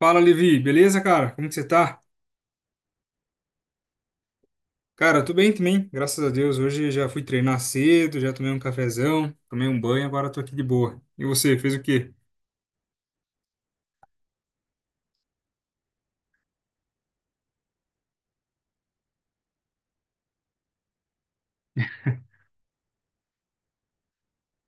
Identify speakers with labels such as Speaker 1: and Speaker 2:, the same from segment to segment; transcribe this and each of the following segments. Speaker 1: Fala, Levi, beleza, cara? Como que você tá? Cara, eu tô bem também, graças a Deus. Hoje já fui treinar cedo, já tomei um cafezão, tomei um banho, agora tô aqui de boa. E você, fez o quê?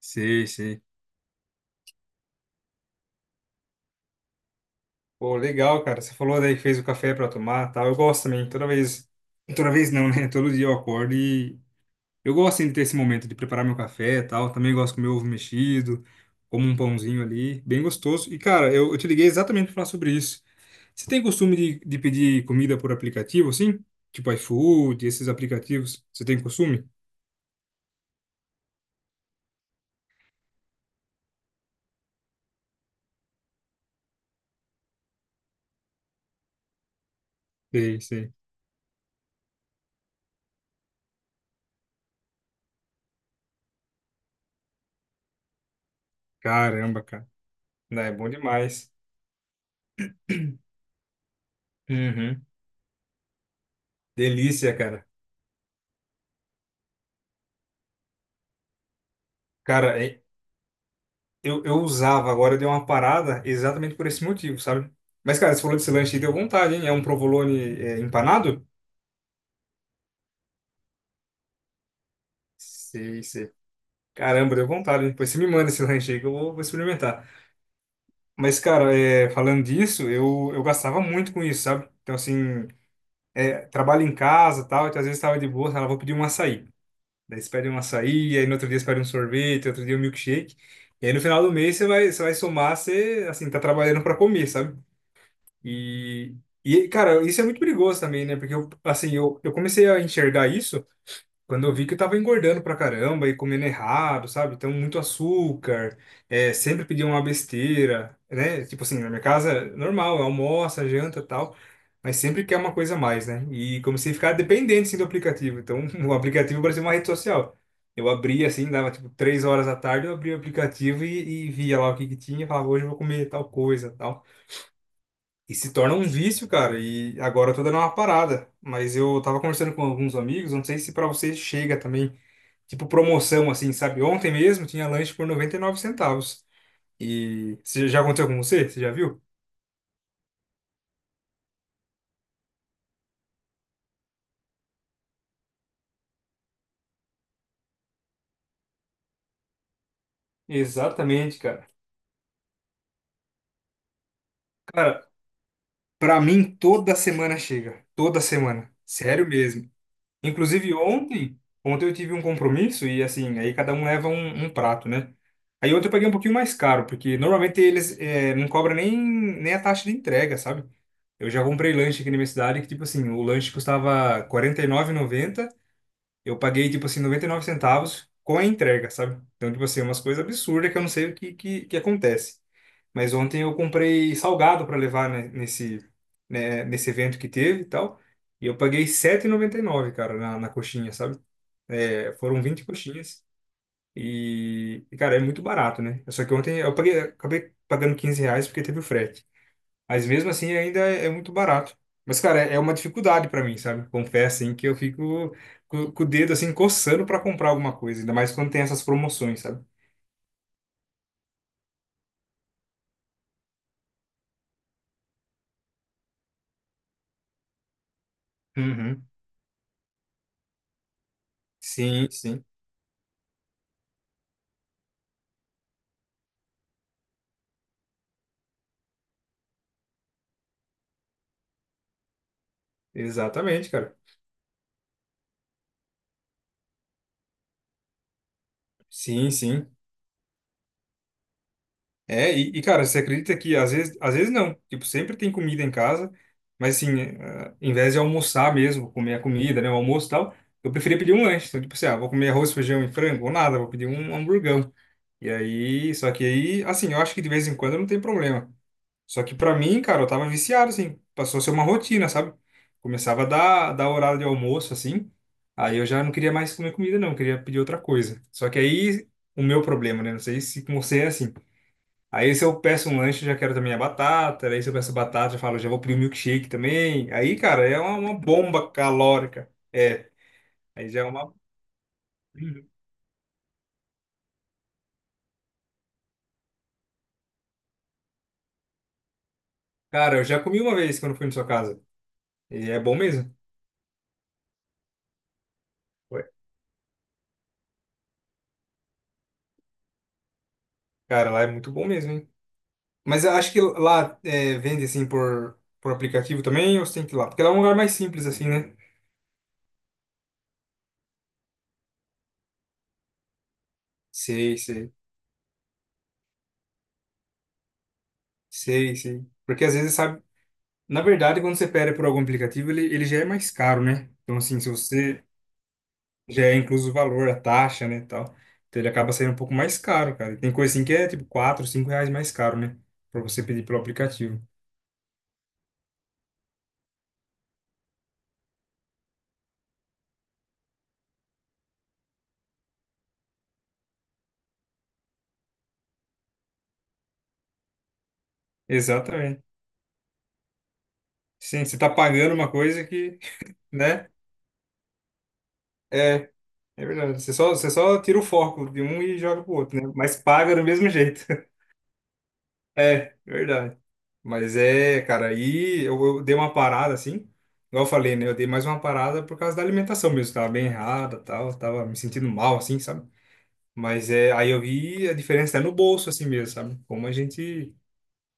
Speaker 1: Sei, sei. Pô, legal, cara. Você falou daí que fez o café pra tomar, tal. Eu gosto também. Toda vez não, né? Todo dia eu acordo e eu gosto assim, de ter esse momento de preparar meu café e tal. Também gosto com meu ovo mexido, como um pãozinho ali, bem gostoso. E, cara, eu te liguei exatamente para falar sobre isso. Você tem costume de pedir comida por aplicativo, assim? Tipo iFood, esses aplicativos. Você tem costume? Sei, sei. Caramba, cara. Não, é bom demais. Uhum. Delícia, cara. Cara, eu usava, agora deu uma parada exatamente por esse motivo, sabe? Mas, cara, você falou desse lanche e deu vontade, hein? É um provolone é, empanado? Sei, sei. Caramba, deu vontade. Depois você me manda esse lanche aí que eu vou experimentar. Mas, cara, falando disso, eu gastava muito com isso, sabe? Então, assim, trabalho em casa e tal, então às vezes tava de boa, ela vou pedir um açaí. Daí você pede um açaí, aí no outro dia você pede um sorvete, outro dia um milkshake. E aí no final do mês você vai somar, você, assim, tá trabalhando para comer, sabe? E, e, cara, isso é muito perigoso também, né? Porque, eu, assim, eu comecei a enxergar isso. Quando eu vi que eu tava engordando pra caramba e comendo errado, sabe? Então, muito açúcar, sempre pedia uma besteira, né? Tipo assim, na minha casa, normal, almoça, janta e tal, mas sempre quer uma coisa a mais, né? E comecei a ficar dependente, assim, do aplicativo. Então, o aplicativo parecia uma rede social. Eu abria, assim, dava, tipo, 3 horas da tarde, eu abria o aplicativo e via lá o que que tinha, e falava, hoje eu vou comer tal coisa, tal. E se torna um vício, cara, e agora eu tô dando uma parada. Mas eu tava conversando com alguns amigos, não sei se pra você chega também tipo promoção, assim, sabe? Ontem mesmo tinha lanche por 99 centavos. E você já aconteceu com você? Você já viu? Exatamente, cara. Cara, pra mim toda semana chega. Toda semana. Sério mesmo. Inclusive ontem eu tive um compromisso e assim, aí cada um leva um prato, né? Aí ontem eu paguei um pouquinho mais caro, porque normalmente eles não cobram nem a taxa de entrega, sabe? Eu já comprei lanche aqui na minha cidade que, tipo assim, o lanche custava R$ 49,90. Eu paguei, tipo assim, 99 centavos com a entrega, sabe? Então, tipo assim, é umas coisas absurdas que eu não sei o que acontece. Mas ontem eu comprei salgado para levar, né, nesse evento que teve e tal. E eu paguei sete e noventa e nove cara, na coxinha, sabe? É, foram 20 coxinhas. E, cara, é muito barato, né? Só que ontem eu paguei, acabei pagando 15 reais porque teve o frete. Mas mesmo assim ainda é muito barato. Mas, cara, é uma dificuldade pra mim, sabe? Confesso, assim, que eu fico com o dedo, assim, coçando pra comprar alguma coisa. Ainda mais quando tem essas promoções, sabe? Uhum. Sim, sim. Exatamente, cara. Sim, sim. É, e, cara, você acredita que às vezes não. Tipo, sempre tem comida em casa, mas assim, em vez de almoçar mesmo, comer a comida, né, o almoço e tal, eu preferia pedir um lanche. Então, tipo assim, ah, vou comer arroz, feijão e frango, ou nada, vou pedir um hamburgão. E aí, só que aí, assim, eu acho que de vez em quando não tem problema. Só que pra mim, cara, eu tava viciado, assim, passou a ser uma rotina, sabe? Começava a dar horário de almoço, assim, aí eu já não queria mais comer comida, não, eu queria pedir outra coisa. Só que aí, o meu problema, né? Não sei se com você é assim. Aí se eu peço um lanche, eu já quero também a batata, aí se eu peço batata, eu falo, já vou pedir um milkshake também. Aí, cara, é uma bomba calórica. É, aí já é uma. Cara, eu já comi uma vez quando fui na sua casa, e é bom mesmo. Cara, lá é muito bom mesmo, hein? Mas eu acho que lá vende assim por aplicativo também, ou você tem que ir lá? Porque lá é um lugar mais simples, assim, né? Sei, sei, sei, sei. Porque às vezes, sabe, na verdade, quando você pede por algum aplicativo, ele já é mais caro, né? Então, assim, se você já é incluso o valor, a taxa, né, e tal, então ele acaba saindo um pouco mais caro, cara. E tem coisa assim que é tipo 4 5 reais mais caro, né? Pra você pedir pelo aplicativo. Exatamente. Sim, você tá pagando uma coisa que, né? É. É verdade. Você só tira o foco de um e joga pro outro, né? Mas paga do mesmo jeito. É, verdade. Mas é, cara, aí eu dei uma parada assim. Igual eu falei, né? Eu dei mais uma parada por causa da alimentação mesmo. Tava bem errada, tal. Tava me sentindo mal, assim, sabe? Mas é, aí eu vi a diferença é no bolso, assim mesmo, sabe? Como a gente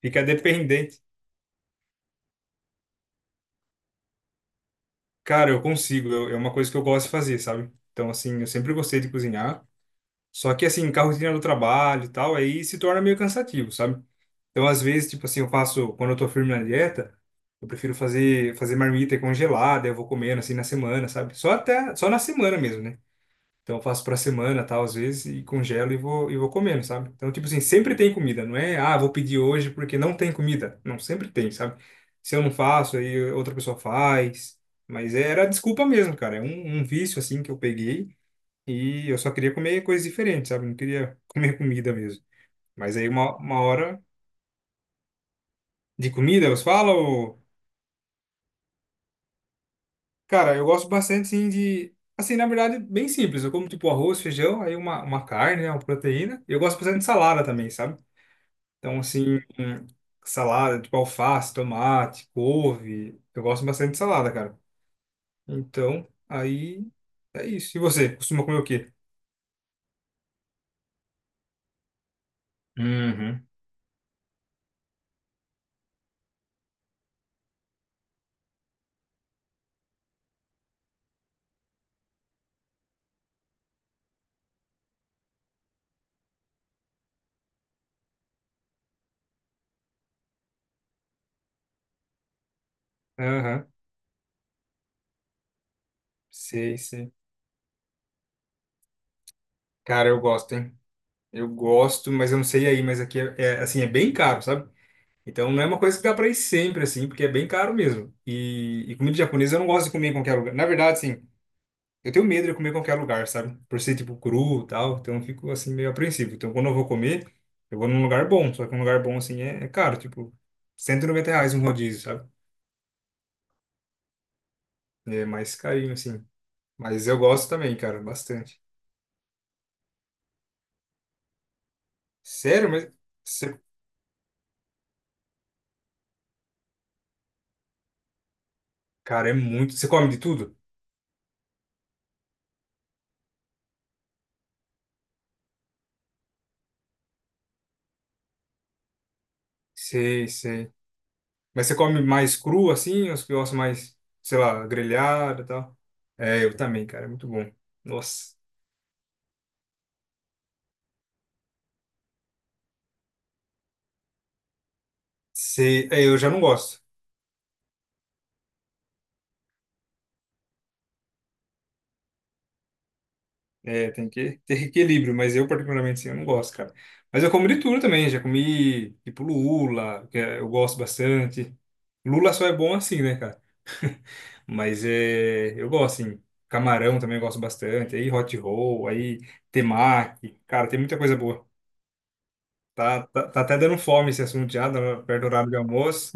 Speaker 1: fica dependente. Cara, eu consigo. É uma coisa que eu gosto de fazer, sabe? Então, assim, eu sempre gostei de cozinhar. Só que, assim, com a rotina do trabalho e tal, aí se torna meio cansativo, sabe? Então, às vezes, tipo assim, eu faço, quando eu tô firme na dieta, eu prefiro fazer marmita congelada, eu vou comendo assim na semana, sabe? Só até, só na semana mesmo, né? Então, eu faço pra semana, tal, às vezes, e congelo e e vou comendo, sabe? Então, tipo assim, sempre tem comida, não é, ah, vou pedir hoje porque não tem comida. Não, sempre tem, sabe? Se eu não faço, aí outra pessoa faz. Mas era desculpa mesmo, cara. É um vício, assim, que eu peguei e eu só queria comer coisas diferentes, sabe? Não queria comer comida mesmo. Mas aí uma hora de comida, você fala? Ou... Cara, eu gosto bastante, sim, de... Assim, na verdade, bem simples. Eu como, tipo, arroz, feijão, aí uma carne, né, uma proteína. Eu gosto bastante de salada também, sabe? Então, assim, salada, tipo, alface, tomate, couve. Eu gosto bastante de salada, cara. Então, aí é isso. E você, costuma comer o quê? Uhum. Aham. Sei, sei. Cara, eu gosto, hein? Eu gosto, mas eu não sei aí, mas aqui é, assim, é bem caro, sabe? Então não é uma coisa que dá para ir sempre, assim, porque é bem caro mesmo. E comida japonesa eu não gosto de comer em qualquer lugar. Na verdade, assim, eu tenho medo de comer em qualquer lugar, sabe? Por ser, tipo, cru e tal, então eu fico, assim, meio apreensivo. Então quando eu vou comer, eu vou num lugar bom, só que um lugar bom, assim, é caro, tipo, 190 reais um rodízio, sabe? É mais carinho, assim. Mas eu gosto também, cara, bastante. Sério, mas... Você... Cara, é muito... Você come de tudo? Sei, sei. Mas você come mais cru assim, ou você gosta mais, sei lá, grelhado e tal? É, eu também, cara, é muito bom. Nossa, eu já não gosto. É, tem que ter equilíbrio, mas eu particularmente sim, eu não gosto, cara. Mas eu como de tudo também, já comi tipo lula, eu gosto bastante. Lula só é bom assim, né, cara? Mas é, eu gosto, assim. Camarão também eu gosto bastante. Aí hot roll, aí temaki. Cara, tem muita coisa boa. Tá até dando fome esse assunto já, tá perto do horário de almoço.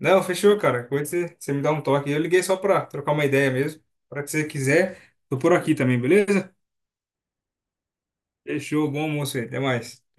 Speaker 1: Não, fechou, cara. Quando você me dá um toque. Eu liguei só pra trocar uma ideia mesmo. Para que você quiser, tô por aqui também, beleza? Fechou, bom almoço aí. Até mais.